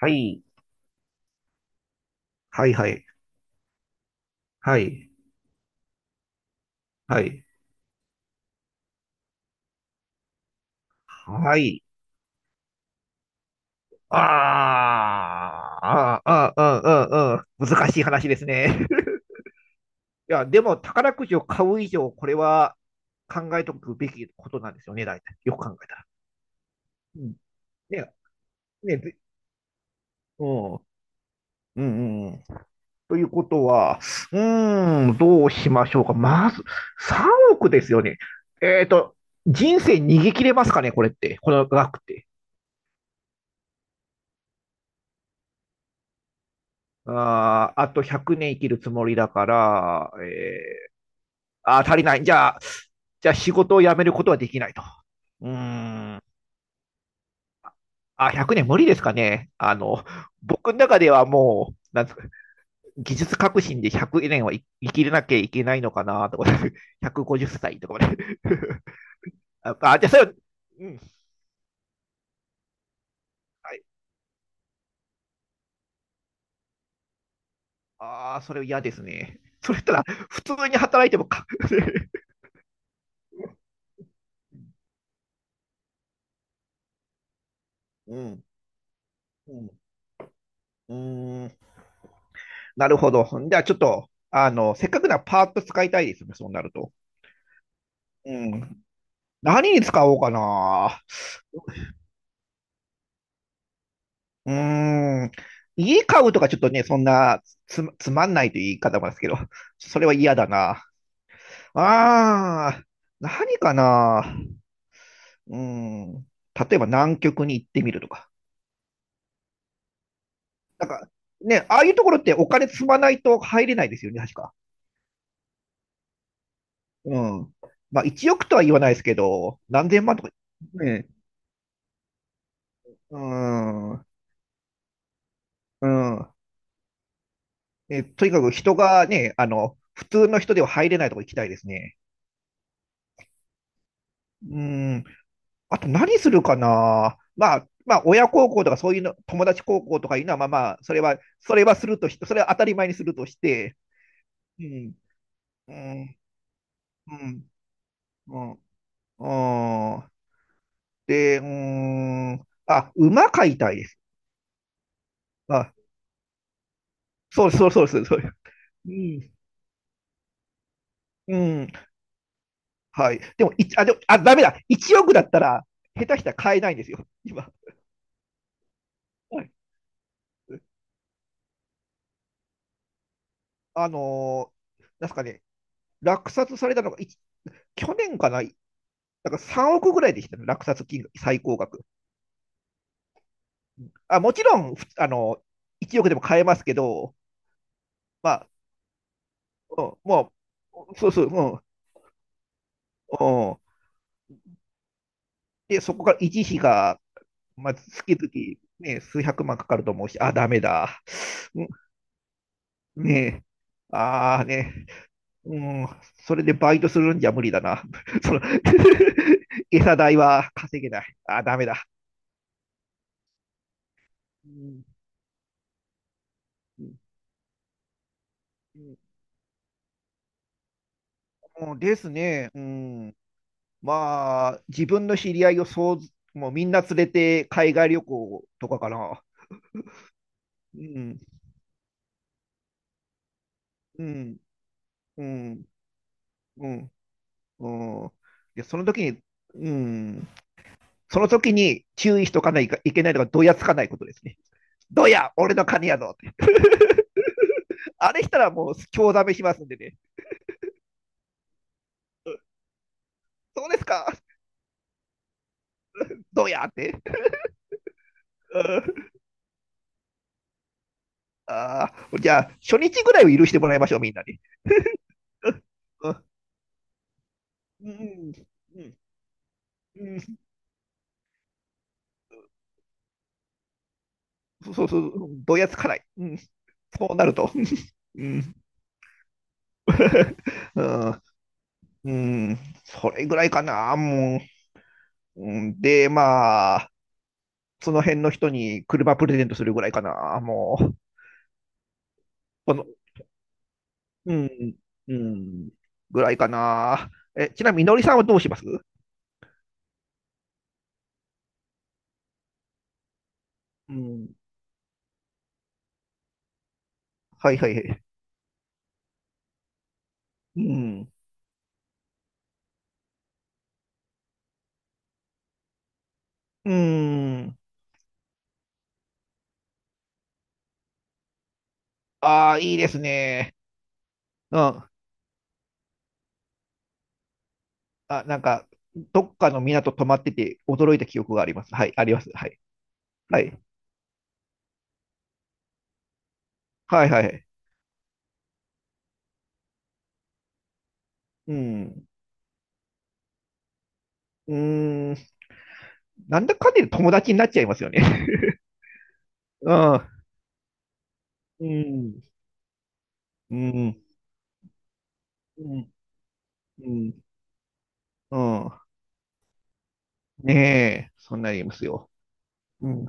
はい。はいはい。はい。はい。はい。ああ、ああ、ああ、ああ、難しい話ですね。いや、でも宝くじを買う以上、これは考えておくべきことなんですよね、大体。よく考えたら。うん。ね、ねうん。うん、うん。ということは、うーん、どうしましょうか。まず、3億ですよね。えっと、人生逃げ切れますかね、これって。この額って。あー、あと100年生きるつもりだから、あー、足りない。じゃあ仕事を辞めることはできないと。うーん。あ、100年無理ですかね。あの、僕の中ではもう、なんですか、技術革新で100年は生きれなきゃいけないのかなとか、150歳とかまで。あ、あじゃあそれは、うん。はい。ああ、それ嫌ですね。それったら、普通に働いてもか、うん。うん。うーん。なるほど。じゃあちょっと、あの、せっかくならパーッと使いたいですね、そうなると。うん。何に使おうかな。うーん。家買うとかちょっとね、そんなつまんないという言い方もですけど、それは嫌だな。あー、何かな。うーん。例えば南極に行ってみるとか。なんか、ね、ああいうところってお金積まないと入れないですよね、確か。うん。まあ、1億とは言わないですけど、何千万とか。ね。うーん。うん。とにかく人がね、あの、普通の人では入れないとこ行きたいですね。うん。あと何するかな。まあ、まあ、親孝行とかそういうの、友達孝行とかいうのは、まあまあ、それは当たり前にするとして、うん、うん、うん、うん、うん。で、うん、あ、馬飼いたいです。あ、そうそうそうそう、そう。うん、うん、はい。でも、あ、ダメだ。1億だったら、下手したら買えないんですよ、今。はいあのーなんすかね、落札されたのが、去年かな、なんか3億ぐらいでしたね、落札金額、最高額。あ、もちろん、ふあのー、1億でも買えますけど、まあ、うんもう、そうそう、うん、うん。で、そこから維持費が、まあ、月々、ね、数百万かかると思うし、あ、ダメだ。うん、ねえ、ああね、うん、それでバイトするんじゃ無理だな。その 餌代は稼げない。あ、ダメだ。うん、うん、うん、うん、ですね。うん。まあ、自分の知り合いをそうず、もうみんな連れて海外旅行とかかな。うん、うん、うん、うん、うん。で、その時に、うん、その時に注意しとかないかいけないのが、どやつかないことですね。どや、俺の金やぞって。あれしたらもう、興ざめしますんでね。そうですか、どやって。うん、ああ、じゃあ、初日ぐらいは許してもらいましょう、みんなに。うん、うん、うん、うん。うん、そうそう、どやつかない。うん、そうなると。うん、うん、うん、それぐらいかな、もう。うん、で、まあ、その辺の人に車プレゼントするぐらいかな、もう。この、うん、うん、ぐらいかな。え、ちなみに、のりさんはどうします？うん、はいはいはい。うん、うん。ああ、いいですね。うん。あ、なんか、どっかの港泊まってて驚いた記憶があります。はい、あります。はい。はい。はいはい。うん。うーん。なんだかんだで友達になっちゃいますよね。うん。うん。うん。うん。うん。うん、ねえ。そんなにいますよ。うん。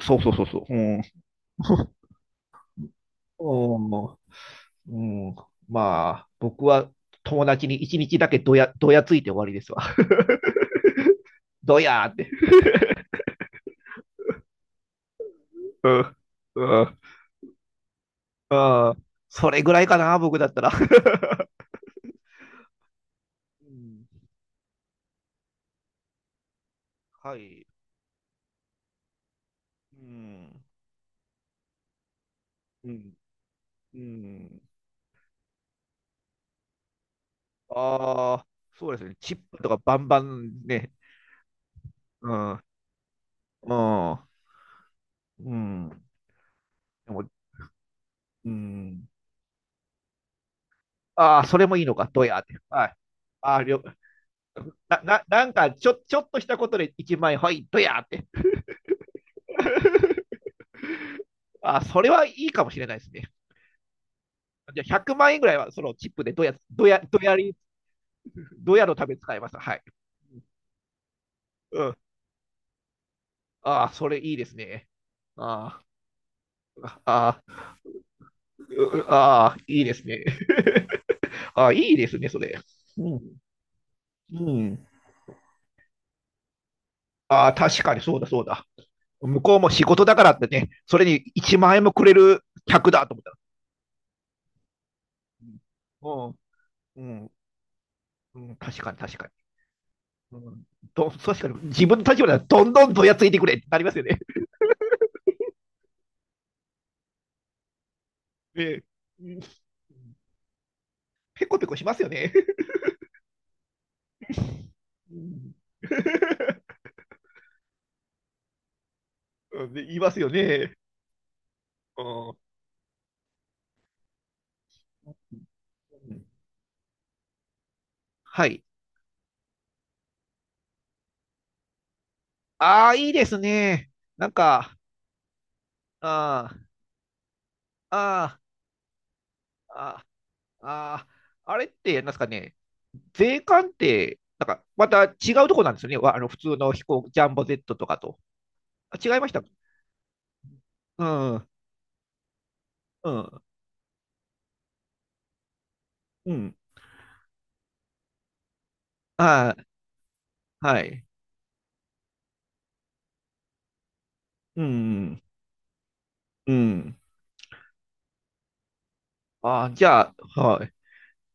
そうそうそうそう。うん。うん。うん。まあ、僕は友達に一日だけどやついて終わりですわ。どやーって。うん。うん。うん。それぐらいかな、僕だったら。うん、はい。うん。うん。うん。ああ、そうですね。チップとかバンバンね。うん。うん。うん。でも、うん。ああ、それもいいのか、ドヤって。はい。ああ、なんか、ちょっとしたことで1万円、はい、ドヤって。ああ、それはいいかもしれないですね。じゃあ、100万円ぐらいは、そのチップでドヤ、ドヤ、ドヤり、ドヤのために使います。はい。うん。ああ、それいいですね。ああ、ああ、うああ、いいですね。ああ、いいですね、それ。うん。うん。ああ、確かにそうだそうだ。向こうも仕事だからってね、それに1万円もくれる客だと思った。うん、うん、うん、確かに確かに。うん、確かに自分の立場ではどんどんどやついてくれってなりますよね。ええ、うん、ペコペコしますよね。うん、 うんで言いますよね。うん、うん、はい。ああ、いいですね。なんか、ああ、ああ、ああ、あれって、なんですかね。税関って、なんかまた違うとこなんですよね。あの普通の飛行、ジャンボ Z とかと。あ、違いました。うん、うん、うん。あー、はい。うん、うん。あー、じゃあ、はい。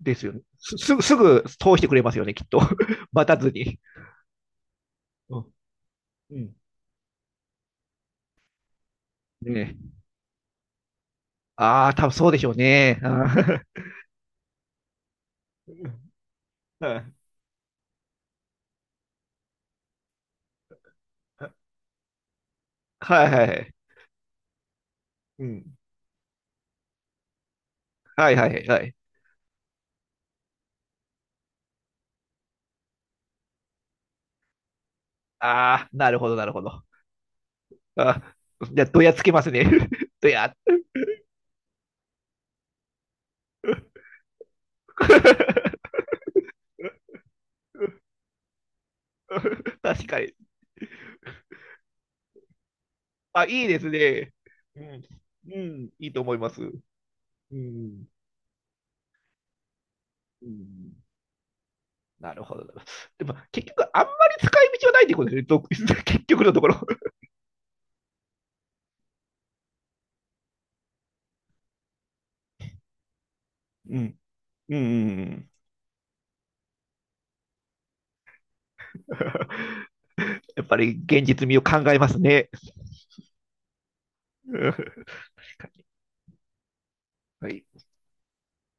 ですよね。すぐ通してくれますよね、きっと。待たずに。うん。うん、ね。ああ、多分そうでしょうね。あー うん、はいはいはい。うん。はいはいはい。ああ、なるほど、なるほど。あー、じゃあ、どやつけますね。どやっと。確かに。あ、いいですね。うん。うん、いいと思います。うん。うん、なるほど。でも、結局、あんまり使い道はないってことですねど 結局のところ。うん。うん。うん。やっぱり現実味を考えますね。はい。